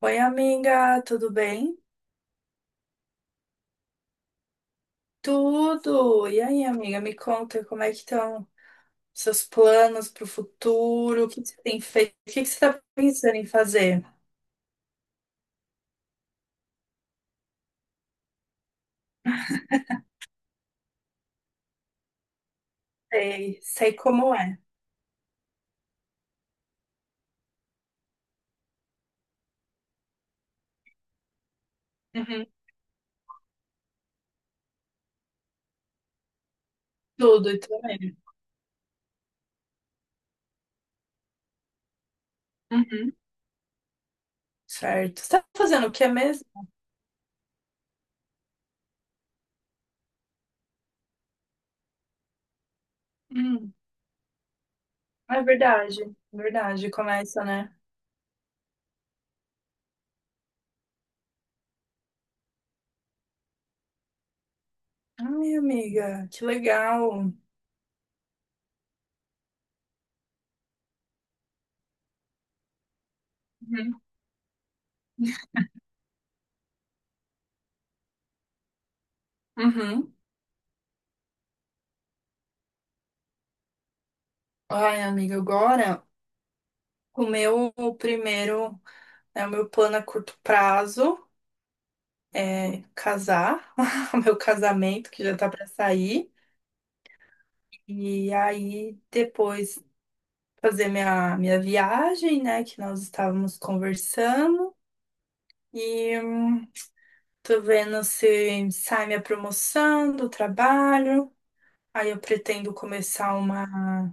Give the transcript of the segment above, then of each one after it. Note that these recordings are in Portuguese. Oi, amiga, tudo bem? Tudo! E aí, amiga, me conta como é que estão seus planos para o futuro? O que que você tem feito? O que que você está pensando em fazer? Sei, sei como é. Uhum. Tudo e também. Uhum. Certo. Você tá fazendo o que é mesmo? Uhum. É verdade, começa, né? Ai, amiga, que legal. Uhum, uhum. Ai, amiga, agora o meu primeiro é o meu plano a curto prazo. É, casar, o meu casamento que já tá para sair, e aí depois fazer minha viagem, né, que nós estávamos conversando, e tô vendo se sai minha promoção do trabalho, aí eu pretendo começar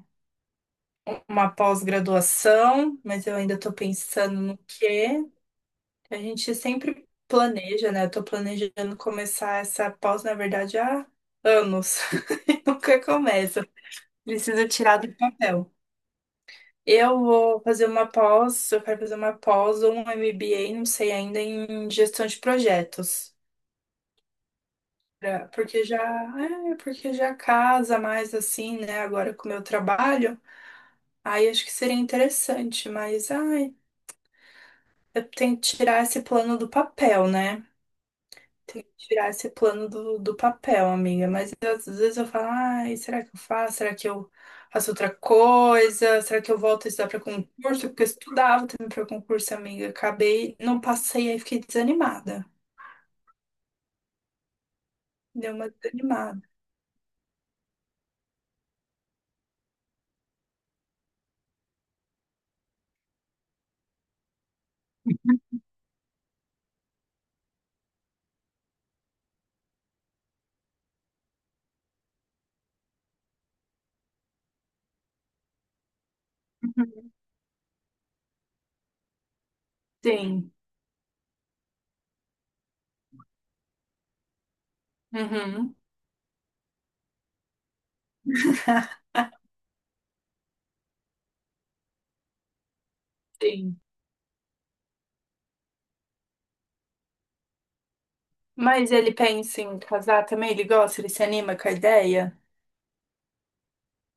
uma pós-graduação, mas eu ainda tô pensando no quê. A gente sempre planeja, né, eu tô planejando começar essa pós, na verdade, há anos. Nunca começa. Preciso tirar do papel. Eu vou fazer uma pós, eu quero fazer uma pós ou um MBA, não sei ainda, em gestão de projetos. Porque já, é, porque já casa mais assim, né, agora com o meu trabalho. Aí acho que seria interessante, mas ai, eu tenho que tirar esse plano do papel, né? Tem que tirar esse plano do papel, amiga. Mas às vezes eu falo, ai, será que eu faço? Será que eu faço outra coisa? Será que eu volto a estudar para concurso? Porque eu estudava também para concurso, amiga. Acabei, não passei, aí fiquei desanimada. Deu uma desanimada. Uhum. Sim. Uhum. Sim. Mas ele pensa em casar também? Ele gosta? Ele se anima com a ideia?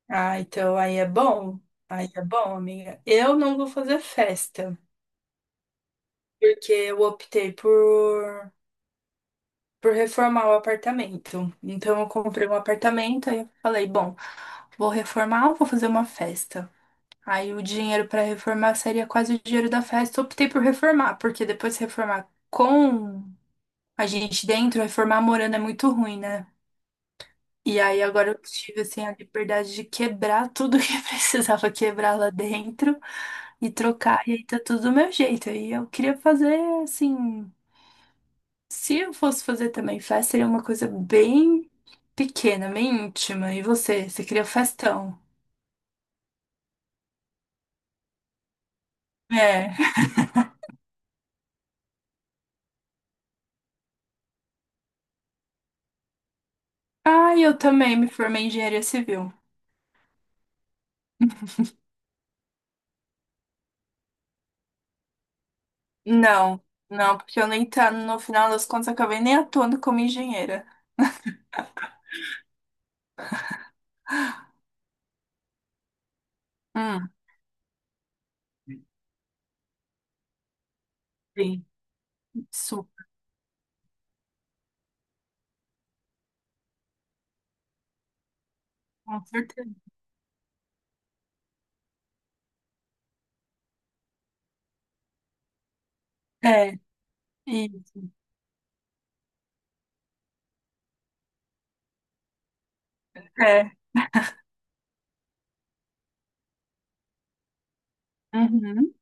Ah, então aí é bom. Aí é bom, amiga. Eu não vou fazer festa, porque eu optei por reformar o apartamento. Então eu comprei um apartamento, aí eu falei, bom, vou reformar ou vou fazer uma festa? Aí o dinheiro para reformar seria quase o dinheiro da festa. Eu optei por reformar, porque depois de reformar com a gente dentro, reformar morando é muito ruim, né? E aí agora eu tive assim a liberdade de quebrar tudo que precisava quebrar lá dentro e trocar, e aí tá tudo do meu jeito. Aí eu queria fazer assim. Se eu fosse fazer também festa, seria uma coisa bem pequena, bem íntima. E você? Você queria festão? É. Ah, eu também me formei em engenharia civil. Não, não, porque eu nem tá, no final das contas, acabei nem atuando como engenheira. Hum, sim, isso, com certeza. É, isso, é. Uhum.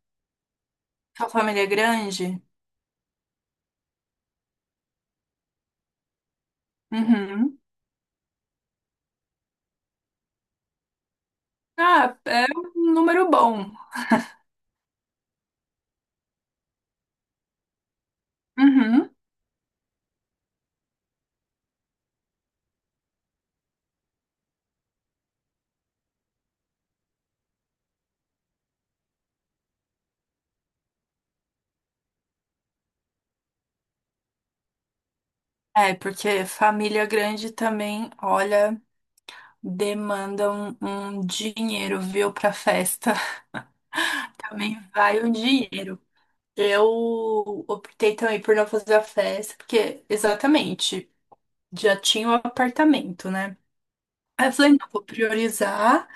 Sua família é grande? Uhum. Ah, é um número bom. Uhum. É, porque família grande também, olha, demanda um dinheiro, viu, pra festa. Também vai um dinheiro. Eu optei também por não fazer a festa, porque exatamente, já tinha o apartamento, né? Aí eu falei, não, vou priorizar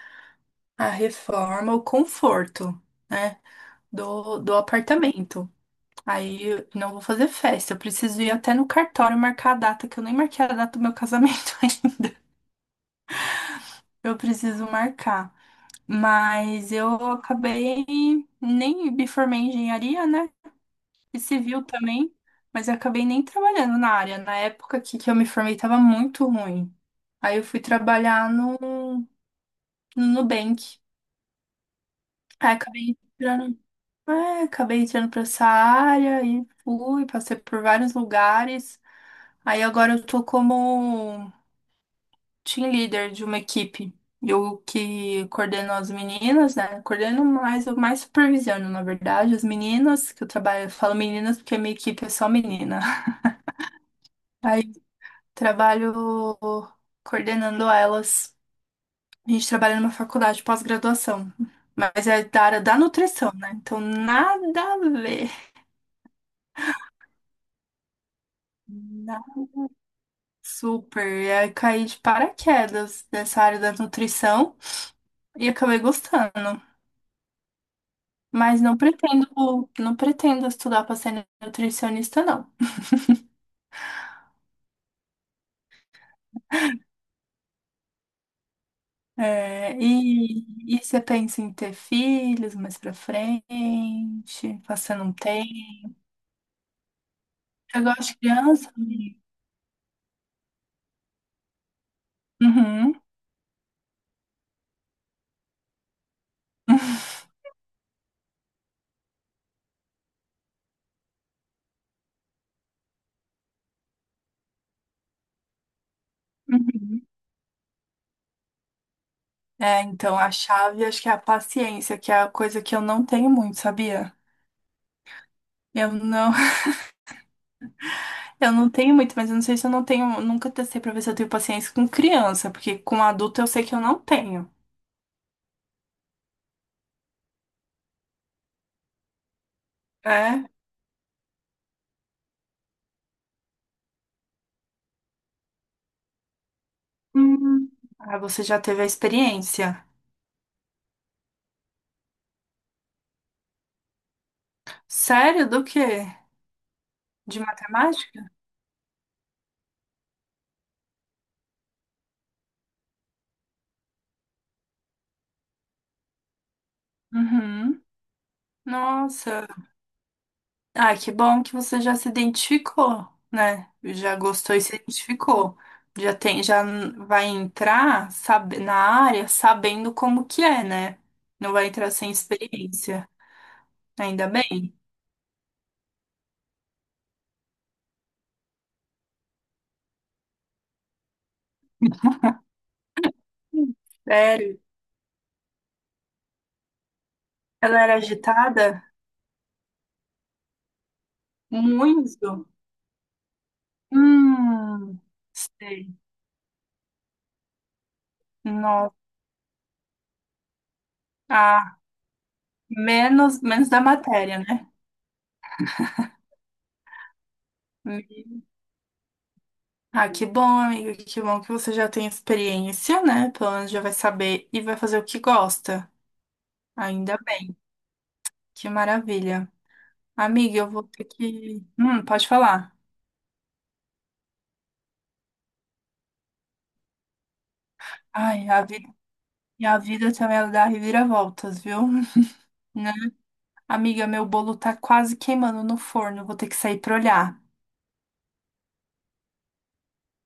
a reforma, o conforto, né, do apartamento. Aí eu não vou fazer festa, eu preciso ir até no cartório marcar a data, que eu nem marquei a data do meu casamento ainda. Eu preciso marcar. Mas eu acabei nem me formei em engenharia, né? E civil também, mas eu acabei nem trabalhando na área. Na época que eu me formei estava muito ruim. Aí eu fui trabalhar no Nubank. Aí acabei entrando, é, acabei entrando para essa área e fui, passei por vários lugares. Aí agora eu tô como team leader de uma equipe. Eu que coordeno as meninas, né? Coordeno mais, eu mais supervisiono, na verdade, as meninas, que eu trabalho, eu falo meninas porque a minha equipe é só menina. Aí trabalho coordenando elas. A gente trabalha numa faculdade de pós-graduação, mas é da área da nutrição, né? Então nada a ver. Nada. Super. E aí caí de paraquedas nessa área da nutrição e acabei gostando. Mas não pretendo, não pretendo estudar para ser nutricionista, não. É, e você pensa em ter filhos mais pra frente, passando um tempo? Eu gosto de criança? Amiga. Uhum. Uhum. É, então a chave acho que é a paciência, que é a coisa que eu não tenho muito, sabia? Eu não, eu não tenho muito, mas eu não sei se eu não tenho, nunca testei pra ver se eu tenho paciência com criança, porque com adulto eu sei que eu não tenho. É? Hum. Ah, você já teve a experiência? Sério? Do quê? De matemática? Uhum. Nossa. Ah, que bom que você já se identificou, né? Já gostou e se identificou. Já tem, já vai entrar, sabe, na área sabendo como que é, né? Não vai entrar sem experiência. Ainda bem. Hum. Sério? Ela era agitada? Muito. Hum, sei. Nossa. Ah, menos, menos da matéria, né? Ah, que bom, amiga, que bom que você já tem experiência, né? Pelo menos já vai saber e vai fazer o que gosta. Ainda bem, que maravilha. Amiga, eu vou ter que. Pode falar. Ai, a vida, e a vida também ela dá reviravoltas, viu? Né? Amiga, meu bolo tá quase queimando no forno, vou ter que sair pra olhar.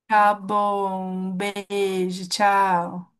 Tá bom, um beijo, tchau.